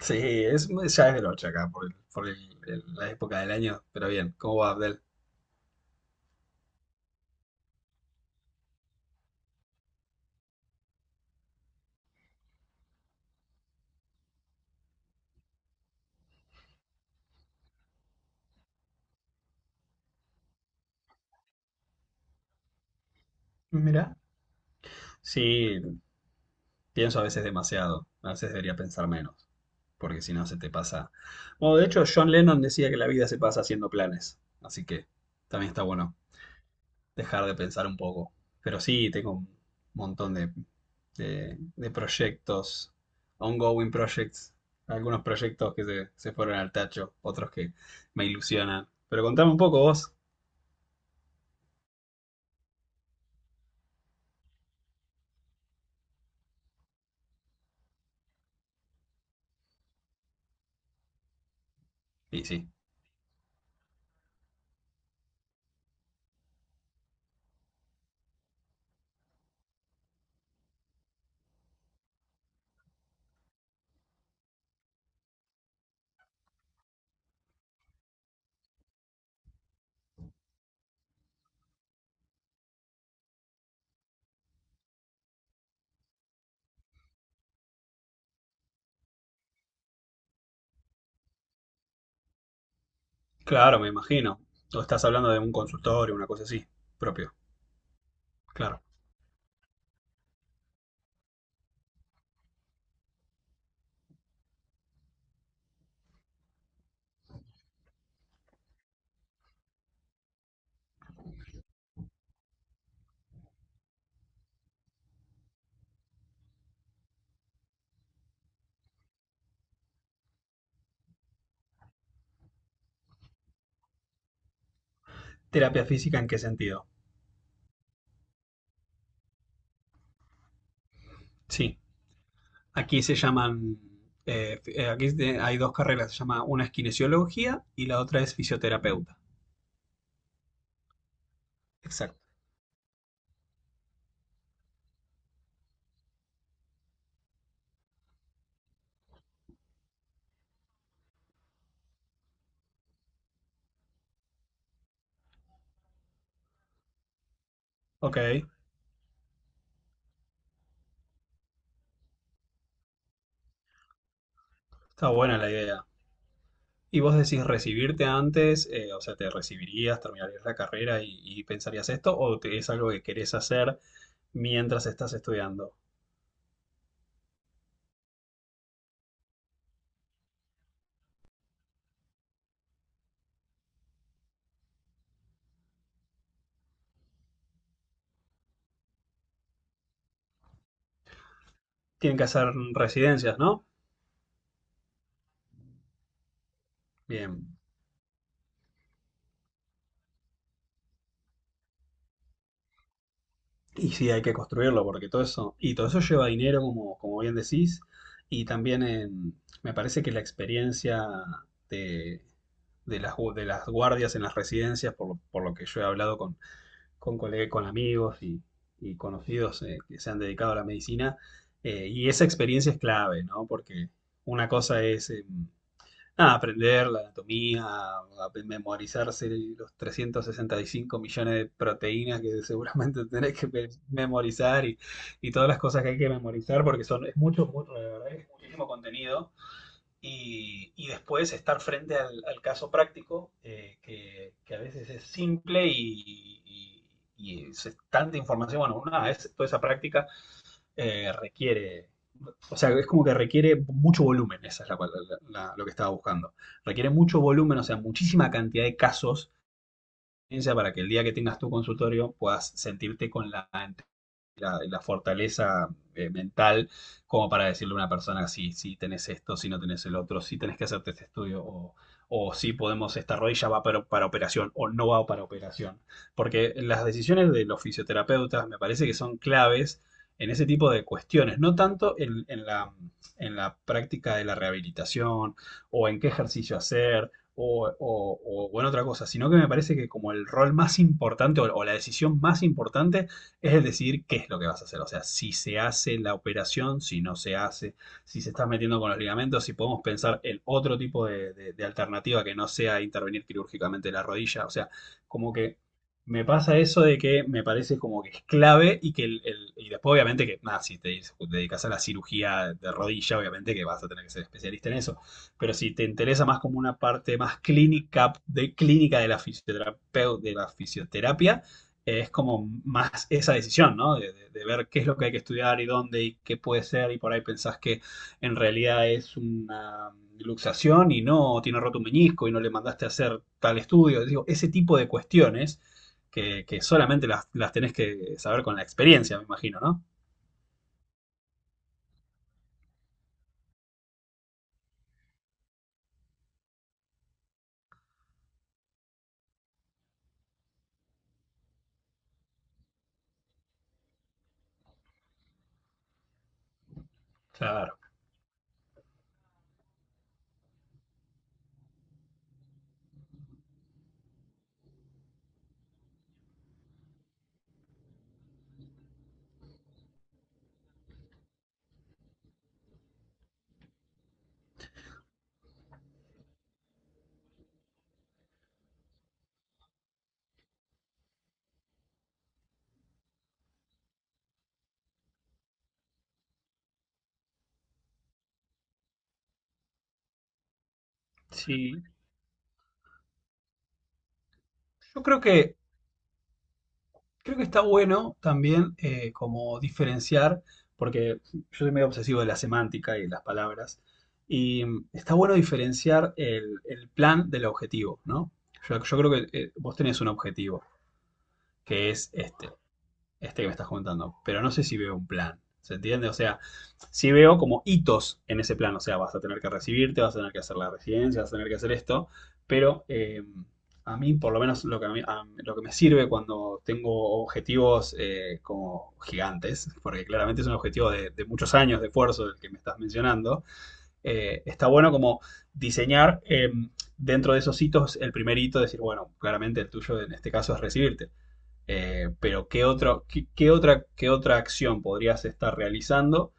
Sí, es, ya es del 8 acá, la época del año. Pero bien, ¿cómo va Abdel? Mira. Sí, pienso a veces demasiado. A veces debería pensar menos, porque si no se te pasa. Bueno, de hecho, John Lennon decía que la vida se pasa haciendo planes, así que también está bueno dejar de pensar un poco. Pero sí, tengo un montón de proyectos, ongoing projects, algunos proyectos se fueron al tacho, otros que me ilusionan. Pero contame un poco vos. Y sí. Claro, me imagino. O estás hablando de un consultorio, una cosa así, propio. Claro. ¿Terapia física en qué sentido? Sí. Aquí se llaman. Aquí hay dos carreras, se llama una es kinesiología y la otra es fisioterapeuta. Exacto. Ok, está buena la idea. ¿Y vos decís recibirte antes? O sea, ¿te recibirías, terminarías la carrera y pensarías esto? ¿O es algo que querés hacer mientras estás estudiando? Tienen que hacer residencias, ¿no? Bien. Y sí, hay que construirlo, porque todo eso, y todo eso lleva dinero, como, como bien decís, y también me parece que la experiencia de, de las guardias en las residencias, por lo que yo he hablado con, con amigos y conocidos que se han dedicado a la medicina, y esa experiencia es clave, ¿no? Porque una cosa es... Nada, aprender la anatomía, a memorizarse los 365 millones de proteínas que seguramente tenés que memorizar y todas las cosas que hay que memorizar porque son, es mucho, mucho, la verdad es muchísimo contenido. Y después estar frente al, al caso práctico, que a veces es simple y- y es tanta información. Bueno, una vez toda esa práctica requiere, o sea, es como que requiere mucho volumen, esa es lo que estaba buscando. Requiere mucho volumen, o sea, muchísima cantidad de casos, ciencia, para que el día que tengas tu consultorio puedas sentirte con la, la fortaleza mental como para decirle a una persona si, si tenés esto, si no tenés el otro, si tenés que hacerte este estudio o si podemos, esta rodilla va para operación o no va para operación. Porque las decisiones de los fisioterapeutas me parece que son claves en ese tipo de cuestiones, no tanto en la práctica de la rehabilitación o en qué ejercicio hacer o en otra cosa, sino que me parece que como el rol más importante o la decisión más importante es el decidir qué es lo que vas a hacer. O sea, si se hace la operación, si no se hace, si se está metiendo con los ligamentos, si podemos pensar el otro tipo de alternativa que no sea intervenir quirúrgicamente la rodilla. O sea, como que me pasa eso de que me parece como que es clave y que y después obviamente que, nada, si te dedicas a la cirugía de rodilla, obviamente que vas a tener que ser especialista en eso, pero si te interesa más como una parte más clínica de la fisioterapia, es como más esa decisión, ¿no? Ver qué es lo que hay que estudiar y dónde y qué puede ser y por ahí pensás que en realidad es una luxación y no, tiene roto un menisco y no le mandaste a hacer tal estudio. Digo, ese tipo de cuestiones que solamente tenés que saber con la experiencia, me imagino, ¿no? Claro. Sí. Yo creo que creo que está bueno también como diferenciar, porque yo soy medio obsesivo de la semántica y de las palabras, y está bueno diferenciar el plan del objetivo, ¿no? Yo creo que vos tenés un objetivo, que es este, este que me estás comentando, pero no sé si veo un plan. ¿Se entiende? O sea, sí veo como hitos en ese plan. O sea, vas a tener que recibirte, vas a tener que hacer la residencia, vas a tener que hacer esto. Pero a mí, por lo menos, lo que, a mí- lo que me sirve cuando tengo objetivos como gigantes, porque claramente es un objetivo de muchos años de esfuerzo el que me estás mencionando, está bueno como diseñar dentro de esos hitos el primer hito, decir, bueno, claramente el tuyo en este caso es recibirte. Pero ¿qué otra, qué otra acción podrías estar realizando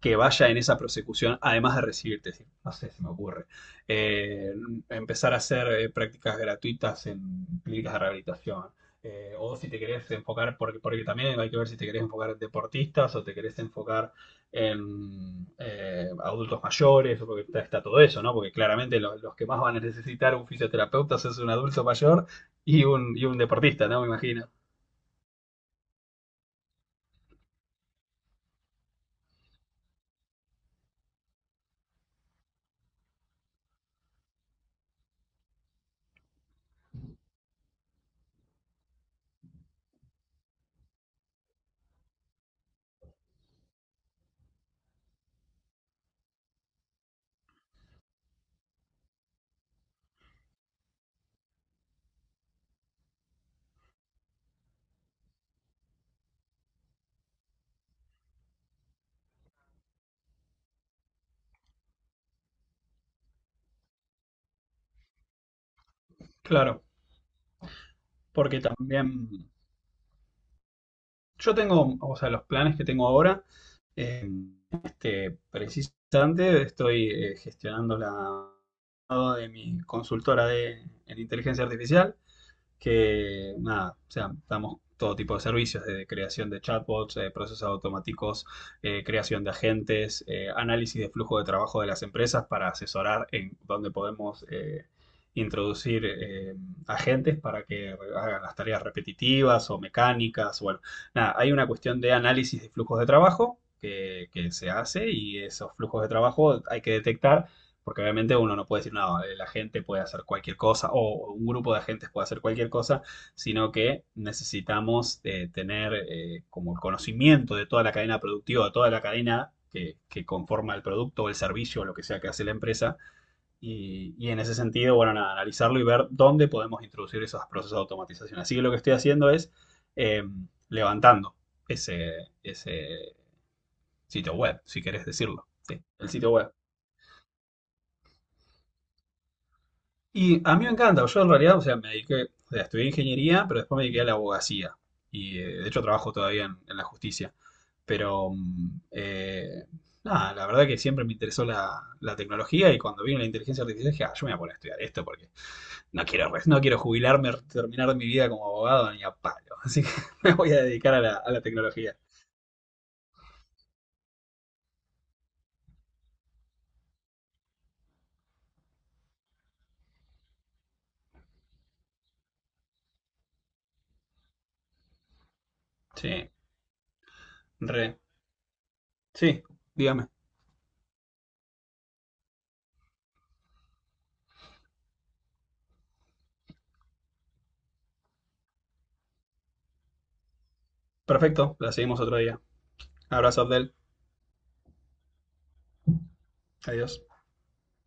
que vaya en esa prosecución, además de recibirte? No sé, se me ocurre. Eh, Empezar a hacer prácticas gratuitas en clínicas de rehabilitación. O si te querés enfocar, porque, porque también hay que ver si te querés enfocar en deportistas o te querés enfocar en adultos mayores, porque está, está todo eso, ¿no? Porque claramente los que más van a necesitar un fisioterapeuta es un adulto mayor y un deportista, ¿no? Me imagino. Claro, porque también yo tengo, o sea, los planes que tengo ahora, eh, este, precisamente estoy gestionando la de mi consultora de en inteligencia artificial que nada, o sea, damos todo tipo de servicios, desde creación de chatbots, procesos automáticos, creación de agentes, análisis de flujo de trabajo de las empresas para asesorar en dónde podemos introducir agentes para que hagan las tareas repetitivas o mecánicas. Bueno, nada, hay una cuestión de análisis de flujos de trabajo. Que se hace y esos flujos de trabajo hay que detectar porque obviamente uno no puede decir, no, la gente puede hacer cualquier cosa o un grupo de agentes puede hacer cualquier cosa, sino que necesitamos tener como el conocimiento de toda la cadena productiva, de toda la cadena que conforma el producto o el servicio o lo que sea que hace la empresa. Y en ese sentido, bueno, nada, analizarlo y ver dónde podemos introducir esos procesos de automatización. Así que lo que estoy haciendo es eh, levantando ese, ese sitio web, si querés decirlo. Sí, el sitio web. Y a mí me encanta, yo en realidad, o sea, me dediqué, o sea, estudié ingeniería, pero después me dediqué a la abogacía. Y de hecho trabajo todavía en la justicia. Pero, nada, la verdad que siempre me interesó la, la tecnología y cuando vino la inteligencia artificial dije, ah, yo me voy a poner a estudiar esto porque no quiero, no quiero jubilarme, terminar mi vida como abogado ni a palo. Así que me voy a dedicar a la tecnología. Sí, re. Sí, dígame. Perfecto, la seguimos otro día. Abrazo, Abdel. Adiós.